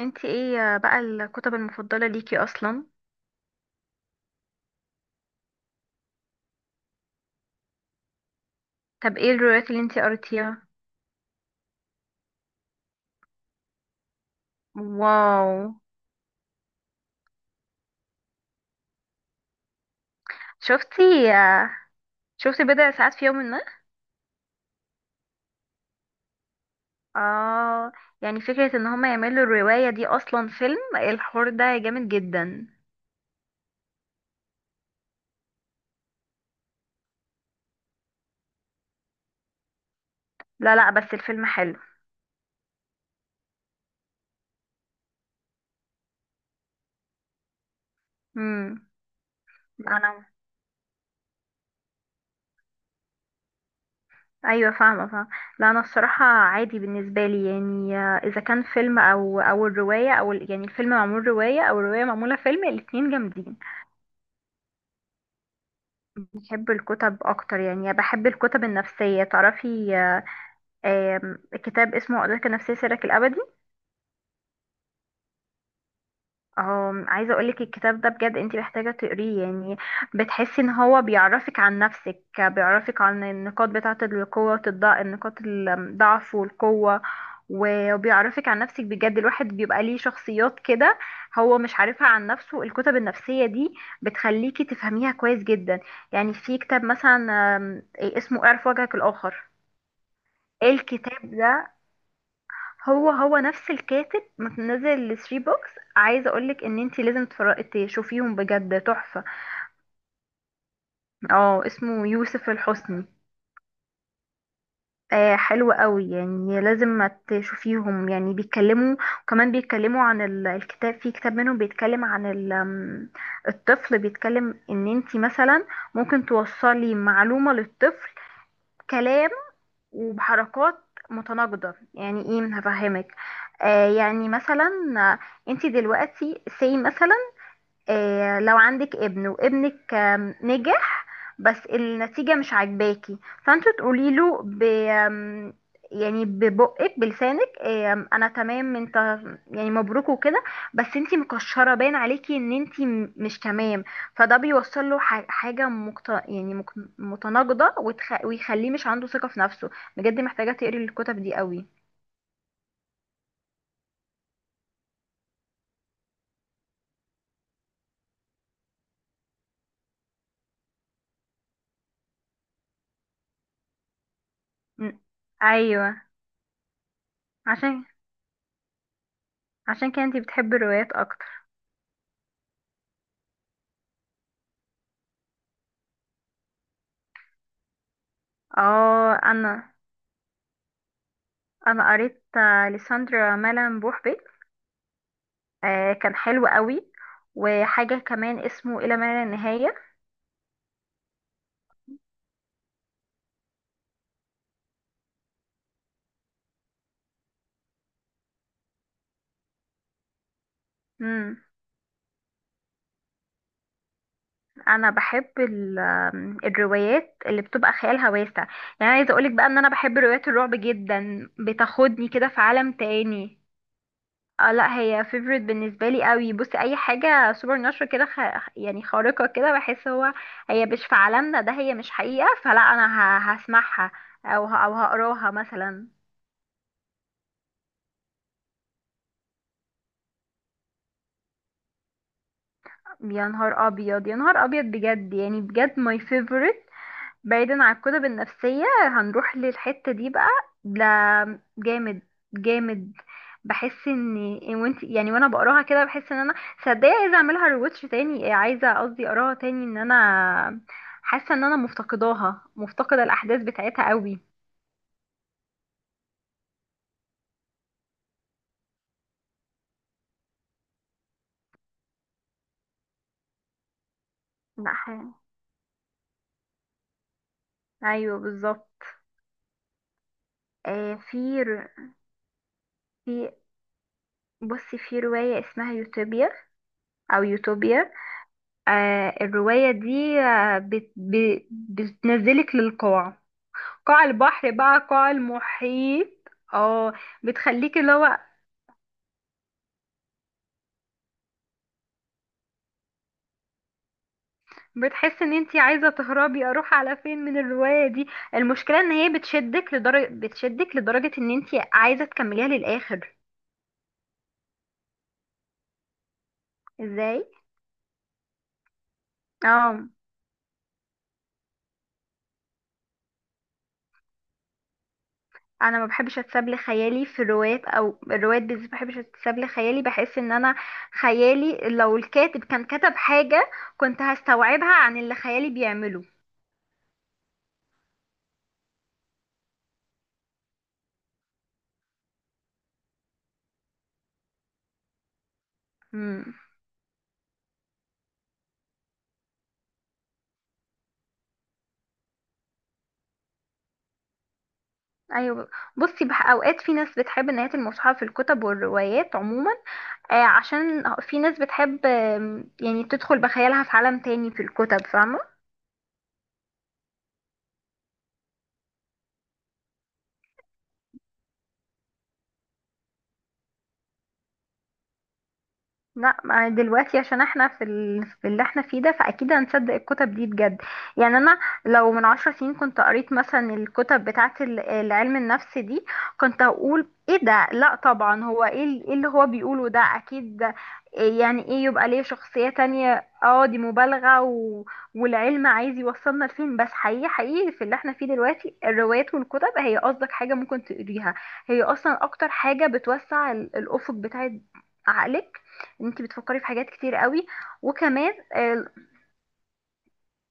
انت ايه بقى الكتب المفضلة ليكي اصلا؟ طب ايه الروايات اللي انت قريتيها؟ واو. شفتي شفتي بضع ساعات في يوم ما؟ اه، يعني فكرة ان هما يعملوا الرواية دي اصلا فيلم، الحوار ده جامد جدا. لا لا، بس الفيلم حلو. امم، انا ايوه، فاهمة. لا انا الصراحة عادي بالنسبة لي، يعني اذا كان فيلم او الرواية او يعني الفيلم معمول رواية او الرواية معمولة فيلم، الاتنين جامدين. بحب الكتب اكتر، يعني بحب الكتب النفسيه، تعرفي؟ آم، كتاب اسمه أدرك النفسيه سرك الابدي. عايزه اقولك الكتاب ده بجد انت محتاجه تقريه، يعني بتحسي ان هو بيعرفك عن نفسك، بيعرفك عن النقاط بتاعه القوه والضعف، النقاط الضعف والقوه، و- وبيعرفك عن نفسك بجد. الواحد بيبقى ليه شخصيات كده هو مش عارفها عن نفسه. الكتب النفسيه دي بتخليكي تفهميها كويس جدا. يعني في كتاب مثلا اسمه اعرف وجهك الاخر. الكتاب ده، هو نفس الكاتب، منزل 3 بوكس. عايزه اقولك ان انتي لازم تشوفيهم، بجد تحفه. اه اسمه يوسف الحسني. آه حلو قوي، يعني لازم ما تشوفيهم. يعني بيتكلموا، وكمان بيتكلموا عن الكتاب. في كتاب منهم بيتكلم عن ال- آم، الطفل، بيتكلم ان انتي مثلا ممكن توصلي معلومه للطفل كلام وبحركات متناقضة. يعني ايه؟ هفهمك. آه يعني مثلا، آه، انت دلوقتي سي مثلا، لو عندك ابن وابنك نجح، بس النتيجة مش عاجباكي، فانتوا تقولي له ب يعني ببقك بلسانك انا تمام انت، يعني مبروك وكده، بس انتي مكشرة باين عليكي ان انتي مش تمام. فده بيوصل له ح- حاجة مقت... يعني مك... متناقضة ويخليه مش عنده ثقة في نفسه. بجد محتاجة تقري الكتب دي قوي. م. ايوه. عشان، عشان كده انتي بتحبي الروايات اكتر. اه انا، انا قريت لساندرا مالان بوحبي، كان حلو قوي. وحاجة كمان اسمه إلى ما لا نهاية. مم. أنا بحب ال- آم، الروايات اللي بتبقى خيالها واسع. يعني عايزة أقولك بقى إن أنا بحب روايات الرعب جدا، بتاخدني كده في عالم تاني. اه لا هي فيفورت بالنسبة لي قوي. بصي أي حاجة سوبر ناتشورال كده، يعني خارقة كده، بحس هي مش في عالمنا ده، هي مش حقيقة، فلا أنا هسمعها أو أو هقراها مثلا. يا نهار ابيض، يا نهار ابيض بجد، يعني بجد ماي فيفورت. بعيدا عن الكتب النفسية، هنروح للحتة دي بقى. لا جامد، جامد. بحس ان إن وانت يعني وانا بقراها كده بحس ان انا، صدقني عايزه اعملها ريواتش تاني، عايزه قصدي اقراها تاني، ان انا حاسه ان انا مفتقداها، مفتقده الاحداث بتاعتها قوي. لا حقيقي. ايوه بالظبط. آه في ر- في بصي في روايه اسمها يوتوبيا، او يوتوبيا. آه الرواية دي آه بتنزلك للقاع، قاع البحر بقى قاع المحيط. اه بتخليك اللي هو بتحس ان انتي عايزة تهربي، اروح على فين من الرواية دي؟ المشكلة ان هي بتشدك لدرجة، بتشدك لدرجة ان انتي عايزة تكمليها للآخر. ازاي؟ اه انا ما بحبش اتساب لخيالي في الروايات، او الروايات بالذات ما بحبش اتساب لخيالي، بحس ان انا خيالي لو الكاتب كان كتب حاجة كنت هستوعبها عن اللي خيالي بيعمله. امم، ايوه. بصي بح اوقات في ناس بتحب نهايه المصحف في الكتب والروايات عموما. آه عشان في ناس بتحب يعني تدخل بخيالها في عالم تاني في الكتب، فاهمه؟ لا ما دلوقتي عشان احنا في اللي احنا فيه ده، فاكيد هنصدق الكتب دي بجد. يعني انا لو من عشر سنين كنت قريت مثلا الكتب بتاعه العلم النفس دي، كنت هقول ايه ده، لا طبعا هو ايه إيه اللي هو بيقوله ده؟ اكيد ده إيه؟ يعني ايه يبقى ليه شخصية تانية؟ اه دي مبالغة والعلم عايز يوصلنا لفين؟ بس حقيقي، حقيقي في اللي احنا فيه دلوقتي الروايات والكتب هي قصدك حاجة ممكن تقريها. هي اصلا اكتر حاجة بتوسع الافق بتاع عقلك. انت بتفكري في حاجات كتير قوي، وكمان آه،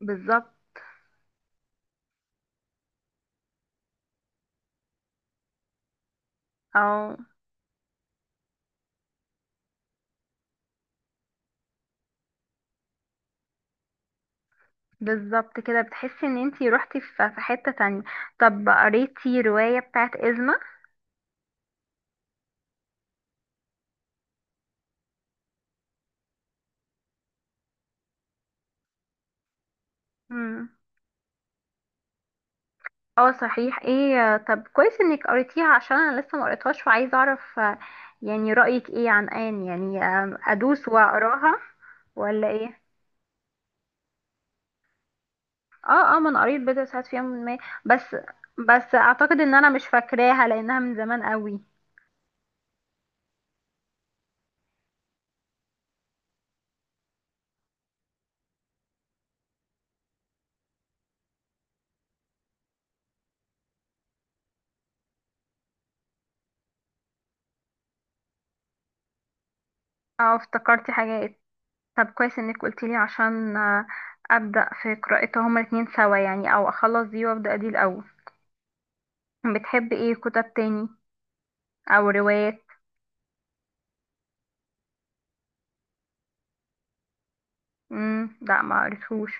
بالظبط. او بالظبط كده بتحسي ان انت روحتي في حتة تانية. طب قريتي رواية بتاعت إزمة؟ مم. اه صحيح، ايه آه، طب كويس انك قريتيها عشان انا لسه ما قريتهاش، وعايزة اعرف يعني رأيك ايه عن آن؟ يعني ادوس واقراها ولا ايه؟ اه اه، ما انا قريت بضع ساعات في يوم ما. بس بس اعتقد ان انا مش فاكراها لانها من زمان قوي. اه افتكرتي حاجات. طب كويس انك قلتيلي عشان ابدا في قراءتها هما الاتنين سوا، يعني او اخلص دي وابدا دي الاول. بتحب ايه كتب تاني او روايات؟ لا ما قريتهوش.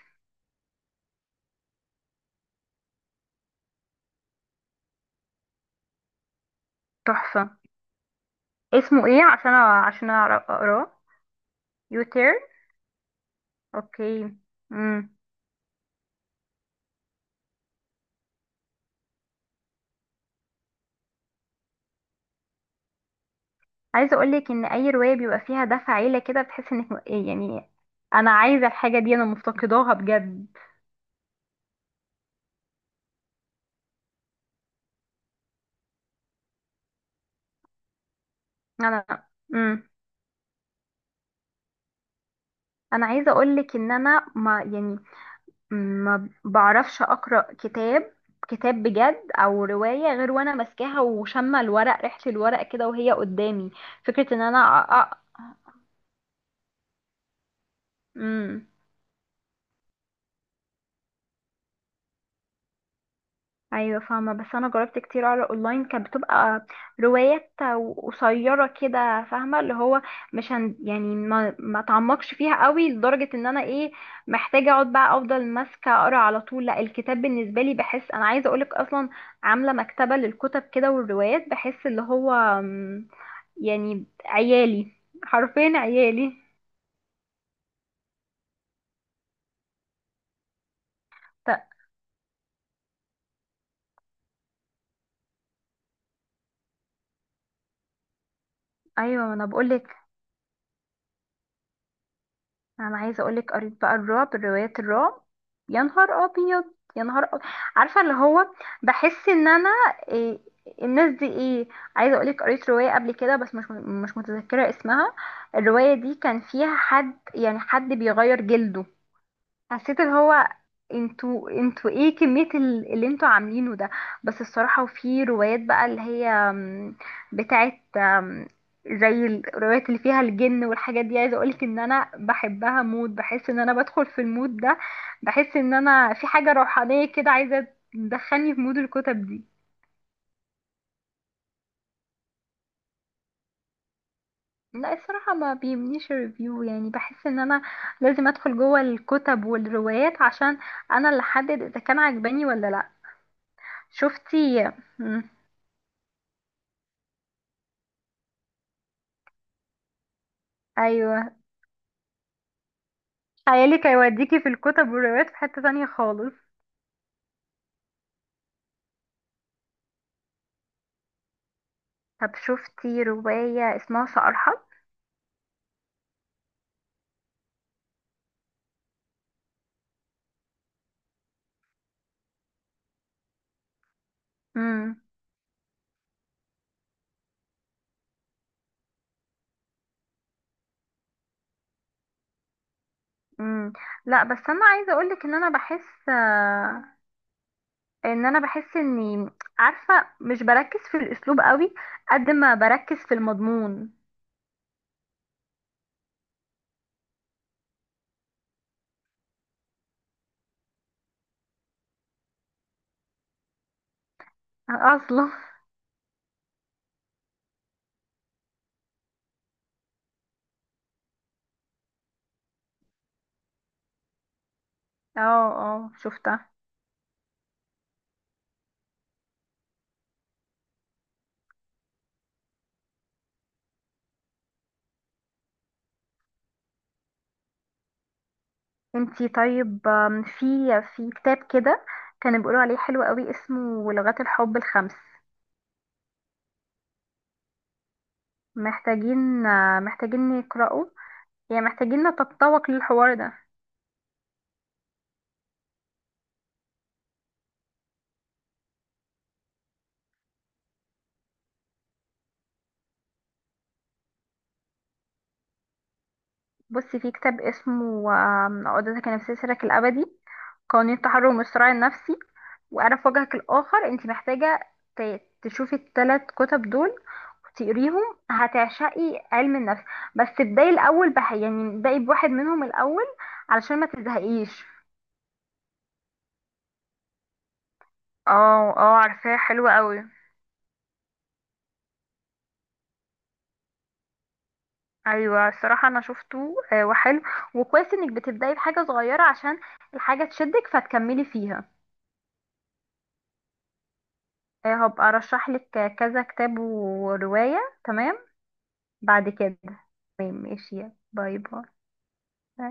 تحفه، اسمه ايه عشان عشان أعرف اقراه؟ يوتير، اوكي. امم، عايزه اقولك ان اي روايه بيبقى فيها دفع عيله كده، بتحس انك إيه يعني، انا عايزه الحاجه دي، انا مفتقداها بجد. انا امم، انا عايزه اقولك ان انا ما يعني ما بعرفش اقرا كتاب، كتاب بجد او روايه، غير وانا ماسكاها وشامه الورق، ريحه الورق كده وهي قدامي. فكره ان انا مم. ايوه فاهمه، بس انا جربت كتير اقرا اونلاين، كانت بتبقى روايات قصيره كده، فاهمه اللي هو مش هن يعني ما تعمقش فيها قوي لدرجه ان انا ايه، محتاجه اقعد بقى افضل ماسكه اقرا على طول. لا الكتاب بالنسبه لي بحس، انا عايزه اقولك اصلا عامله مكتبه للكتب كده والروايات، بحس اللي هو يعني عيالي، حرفيا عيالي. ط- ايوه ما انا بقولك. انا عايزه اقولك قريت بقى الرعب، روايات الرعب، يا نهار ابيض، يا نهار أبيض. عارفه اللي هو بحس ان انا إيه، الناس دي ايه؟ عايزه اقولك قريت روايه قبل كده بس مش متذكره اسمها. الروايه دي كان فيها حد، يعني حد بيغير جلده. حسيت اللي هو انتوا، ايه كمية اللي انتوا عاملينه ده؟ بس الصراحة وفي روايات بقى اللي هي بتاعت زي الروايات اللي فيها الجن والحاجات دي، عايزة اقولك ان انا بحبها مود، بحس ان انا بدخل في المود ده. بحس ان انا في حاجة روحانية كده عايزة تدخلني في مود الكتب دي. لا الصراحة ما بيمنيش الريفيو، يعني بحس ان انا لازم ادخل جوه الكتب والروايات عشان انا اللي احدد اذا كان عجباني ولا لا. شفتي. ايوه. خيالك هيوديكي في الكتب والروايات في حتة تانية خالص. طب شفتي رواية اسمها سأرحل؟ امم. امم لا بس انا عايزة اقولك ان انا بحس ان انا بحس اني، عارفة مش بركز في الاسلوب قوي قد ما بركز في المضمون. اصلا اه اه شفتها. انتي طيب آم، في في كتاب كده كانوا بيقولوا عليه حلو قوي اسمه لغات الحب الخمس. محتاجين محتاجين نقرأه، يعني محتاجين نتطوق للحوار ده. بصي في كتاب اسمه عقدتك النفسية سرك الأبدي، قوانين التحرر والصراع النفسي، وأعرف وجهك الآخر. انت محتاجة تشوفي التلات كتب دول وتقريهم، هتعشقي علم النفس. بس تبدأي الأول بح، يعني ابدأي بواحد منهم الأول علشان ما تزهقيش. اه اه عارفاه، حلو قوي. ايوه الصراحه انا شفته وحلو. وكويس انك بتبدأي بحاجة صغيرة عشان الحاجة تشدك فتكملي فيها. هبقى ارشح لك كذا كتاب ورواية. تمام، بعد كده. تمام ماشي. باي باي.